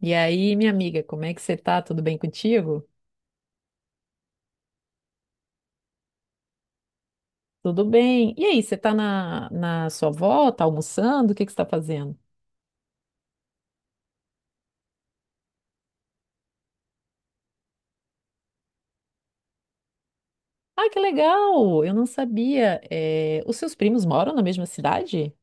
E aí, minha amiga, como é que você tá? Tudo bem contigo? Tudo bem. E aí, você tá na sua avó? Tá almoçando? O que que você tá fazendo? Ah, que legal! Eu não sabia. Os seus primos moram na mesma cidade?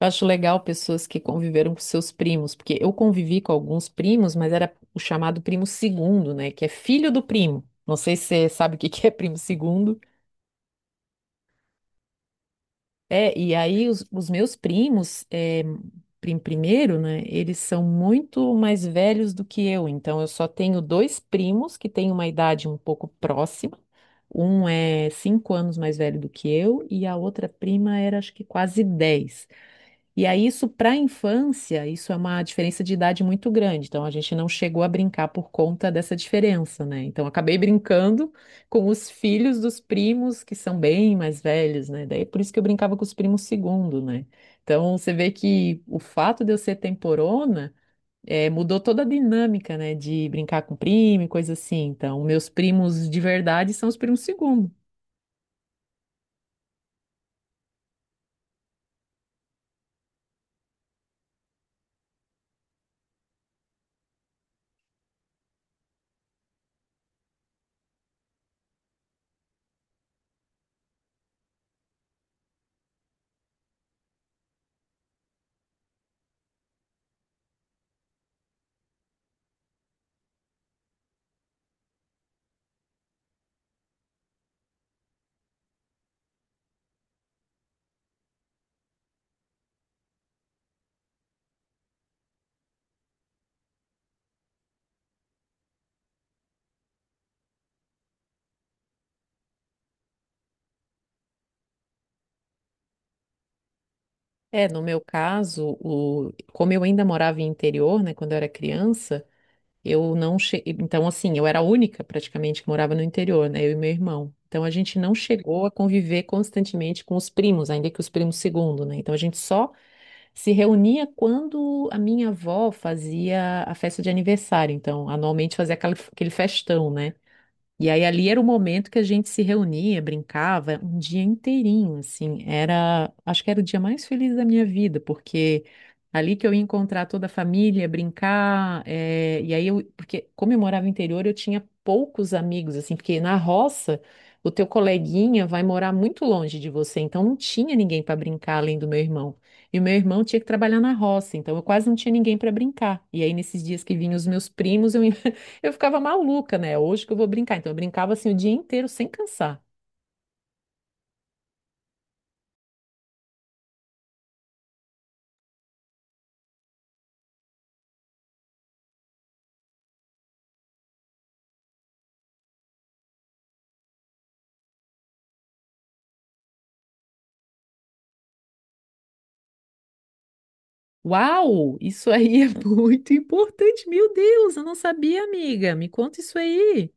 Eu acho legal pessoas que conviveram com seus primos, porque eu convivi com alguns primos, mas era o chamado primo segundo, né? Que é filho do primo. Não sei se você sabe o que que é primo segundo. É, e aí os meus primos, primeiro, né, eles são muito mais velhos do que eu, então eu só tenho dois primos que têm uma idade um pouco próxima, um é 5 anos mais velho do que eu e a outra prima era acho que quase 10. E aí, isso para a infância, isso é uma diferença de idade muito grande. Então, a gente não chegou a brincar por conta dessa diferença, né? Então, acabei brincando com os filhos dos primos, que são bem mais velhos, né? Daí, é por isso que eu brincava com os primos segundo, né? Então, você vê que o fato de eu ser temporona, mudou toda a dinâmica, né? De brincar com primo e coisa assim. Então, meus primos de verdade são os primos segundo. É, no meu caso, como eu ainda morava em interior, né? Quando eu era criança. Eu não che... Então, assim, eu era a única praticamente que morava no interior, né? Eu e meu irmão. Então, a gente não chegou a conviver constantemente com os primos, ainda que os primos segundo, né? Então, a gente só se reunia quando a minha avó fazia a festa de aniversário. Então, anualmente fazia aquele festão, né? E aí ali era o momento que a gente se reunia, brincava um dia inteirinho, assim, era, acho que era o dia mais feliz da minha vida, porque ali que eu ia encontrar toda a família, brincar, e aí eu, porque como eu morava no interior, eu tinha poucos amigos, assim, porque na roça o teu coleguinha vai morar muito longe de você, então não tinha ninguém para brincar além do meu irmão. E o meu irmão tinha que trabalhar na roça, então eu quase não tinha ninguém para brincar. E aí nesses dias que vinham os meus primos, eu ficava maluca, né? Hoje que eu vou brincar. Então, eu brincava assim o dia inteiro sem cansar. Uau, isso aí é muito importante. Meu Deus, eu não sabia, amiga. Me conta isso aí.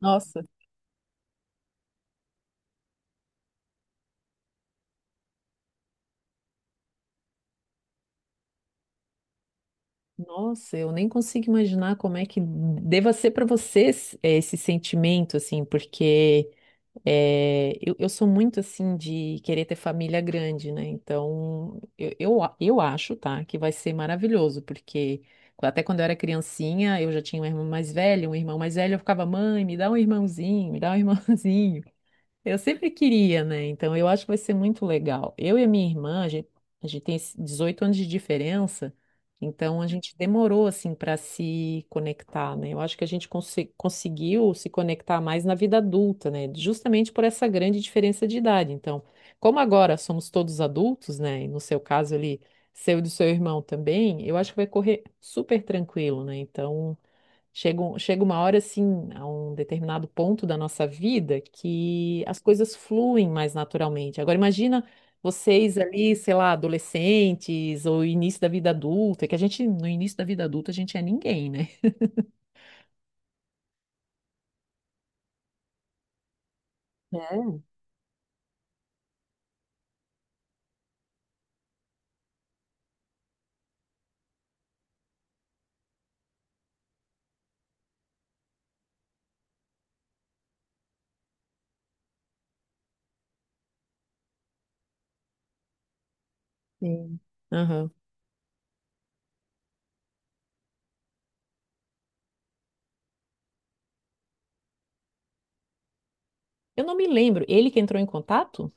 Nossa, nossa, eu nem consigo imaginar como é que deva ser para você esse sentimento, assim, porque é, eu sou muito assim de querer ter família grande, né? Então, eu acho, tá, que vai ser maravilhoso, porque até quando eu era criancinha, eu já tinha um irmão mais velho, um irmão mais velho, eu ficava, mãe, me dá um irmãozinho, me dá um irmãozinho. Eu sempre queria, né? Então eu acho que vai ser muito legal. Eu e a minha irmã, a gente tem esse 18 anos de diferença, então a gente demorou assim para se conectar, né? Eu acho que a gente conseguiu se conectar mais na vida adulta, né? Justamente por essa grande diferença de idade. Então, como agora somos todos adultos, né? E no seu caso ali, seu e do seu irmão também, eu acho que vai correr super tranquilo, né? Então. Chega uma hora, assim, a um determinado ponto da nossa vida que as coisas fluem mais naturalmente. Agora, imagina vocês ali, sei lá, adolescentes ou início da vida adulta, que a gente, no início da vida adulta, a gente é ninguém, né? É, sim. Aham. Eu não me lembro. Ele que entrou em contato?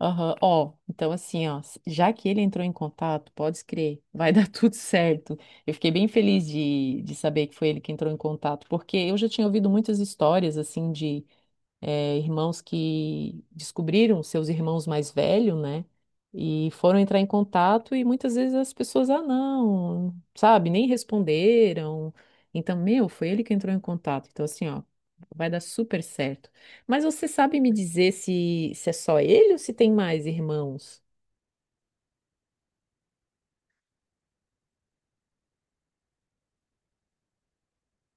Aham. Ó, então assim, ó, já que ele entrou em contato, pode crer, vai dar tudo certo. Eu fiquei bem feliz de saber que foi ele que entrou em contato, porque eu já tinha ouvido muitas histórias, assim, de irmãos que descobriram seus irmãos mais velhos, né? E foram entrar em contato e muitas vezes as pessoas, ah, não, sabe, nem responderam. Então, meu, foi ele que entrou em contato. Então, assim, ó, vai dar super certo. Mas você sabe me dizer se, é só ele ou se tem mais irmãos?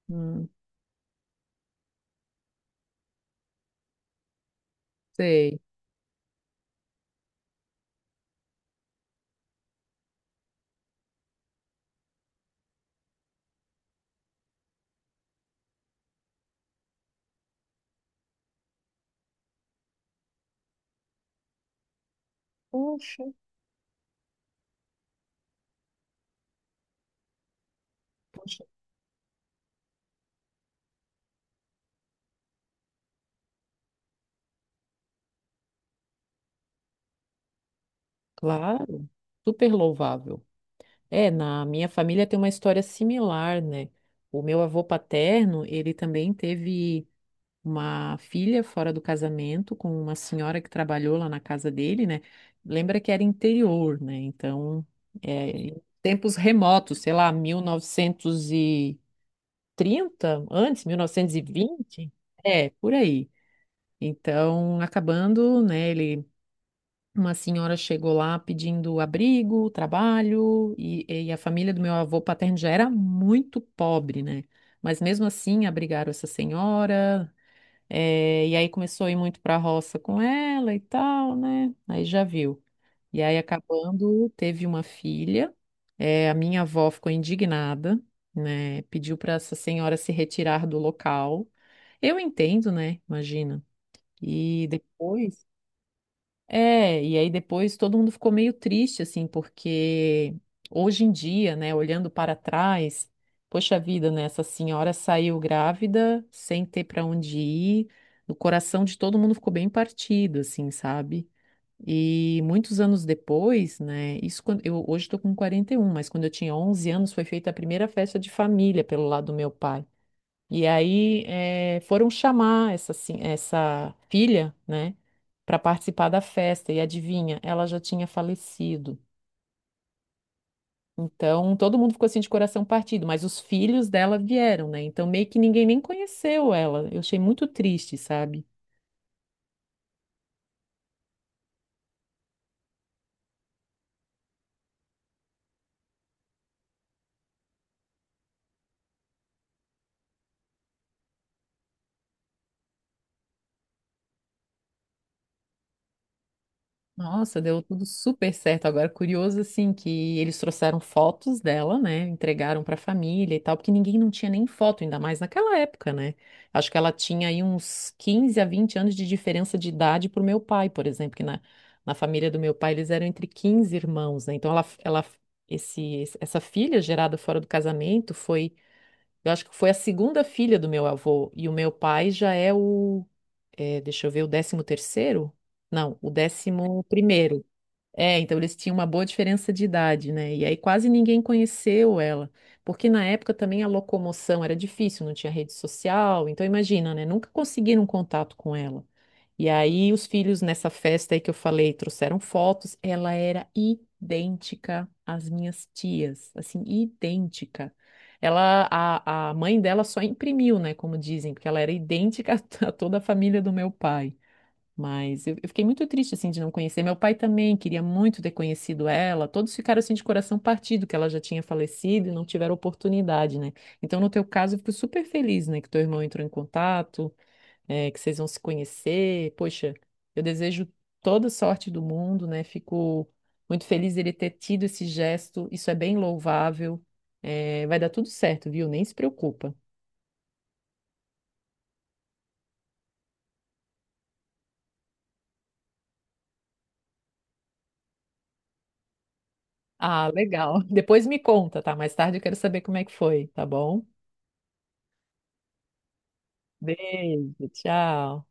Hum, sei. Poxa, poxa. Claro, super louvável. É, na minha família tem uma história similar, né? O meu avô paterno, ele também teve uma filha fora do casamento com uma senhora que trabalhou lá na casa dele, né? Lembra que era interior, né? Então, em tempos remotos, sei lá, 1930, antes, 1920. É, por aí. Então, acabando, né? Ele uma senhora chegou lá pedindo abrigo, trabalho, e a família do meu avô paterno já era muito pobre, né? Mas mesmo assim abrigaram essa senhora, e aí começou a ir muito para a roça com ela e tal, né? Aí já viu. E aí acabando, teve uma filha, a minha avó ficou indignada, né? Pediu para essa senhora se retirar do local. Eu entendo, né? Imagina. E depois. É, e aí depois todo mundo ficou meio triste, assim, porque hoje em dia, né, olhando para trás, poxa vida, né, essa senhora saiu grávida, sem ter para onde ir, o coração de todo mundo ficou bem partido, assim, sabe? E muitos anos depois, né, isso quando eu hoje estou com 41, mas quando eu tinha 11 anos foi feita a primeira festa de família pelo lado do meu pai. E aí foram chamar essa filha, né, para participar da festa. E adivinha, ela já tinha falecido. Então todo mundo ficou assim de coração partido, mas os filhos dela vieram, né? Então meio que ninguém nem conheceu ela. Eu achei muito triste, sabe? Nossa, deu tudo super certo. Agora, curioso assim que eles trouxeram fotos dela, né? Entregaram para a família e tal, porque ninguém não tinha nem foto, ainda mais naquela época, né? Acho que ela tinha aí uns 15 a 20 anos de diferença de idade pro meu pai, por exemplo, que na família do meu pai eles eram entre 15 irmãos, né? Então ela essa filha gerada fora do casamento foi, eu acho que foi a segunda filha do meu avô e o meu pai já é deixa eu ver, o 13º? Não, o 11º. É, então eles tinham uma boa diferença de idade, né? E aí quase ninguém conheceu ela, porque na época também a locomoção era difícil, não tinha rede social, então imagina, né? Nunca conseguiram contato com ela. E aí os filhos nessa festa aí que eu falei trouxeram fotos, ela era idêntica às minhas tias, assim, idêntica. A mãe dela só imprimiu, né? Como dizem, porque ela era idêntica a toda a família do meu pai. Mas eu fiquei muito triste, assim, de não conhecer. Meu pai também queria muito ter conhecido ela. Todos ficaram, assim, de coração partido, que ela já tinha falecido e não tiveram oportunidade, né? Então, no teu caso, eu fico super feliz, né? Que teu irmão entrou em contato, que vocês vão se conhecer. Poxa, eu desejo toda sorte do mundo, né? Fico muito feliz ele ter tido esse gesto. Isso é bem louvável. Vai dar tudo certo, viu? Nem se preocupa. Ah, legal. Depois me conta, tá? Mais tarde eu quero saber como é que foi, tá bom? Beijo, tchau.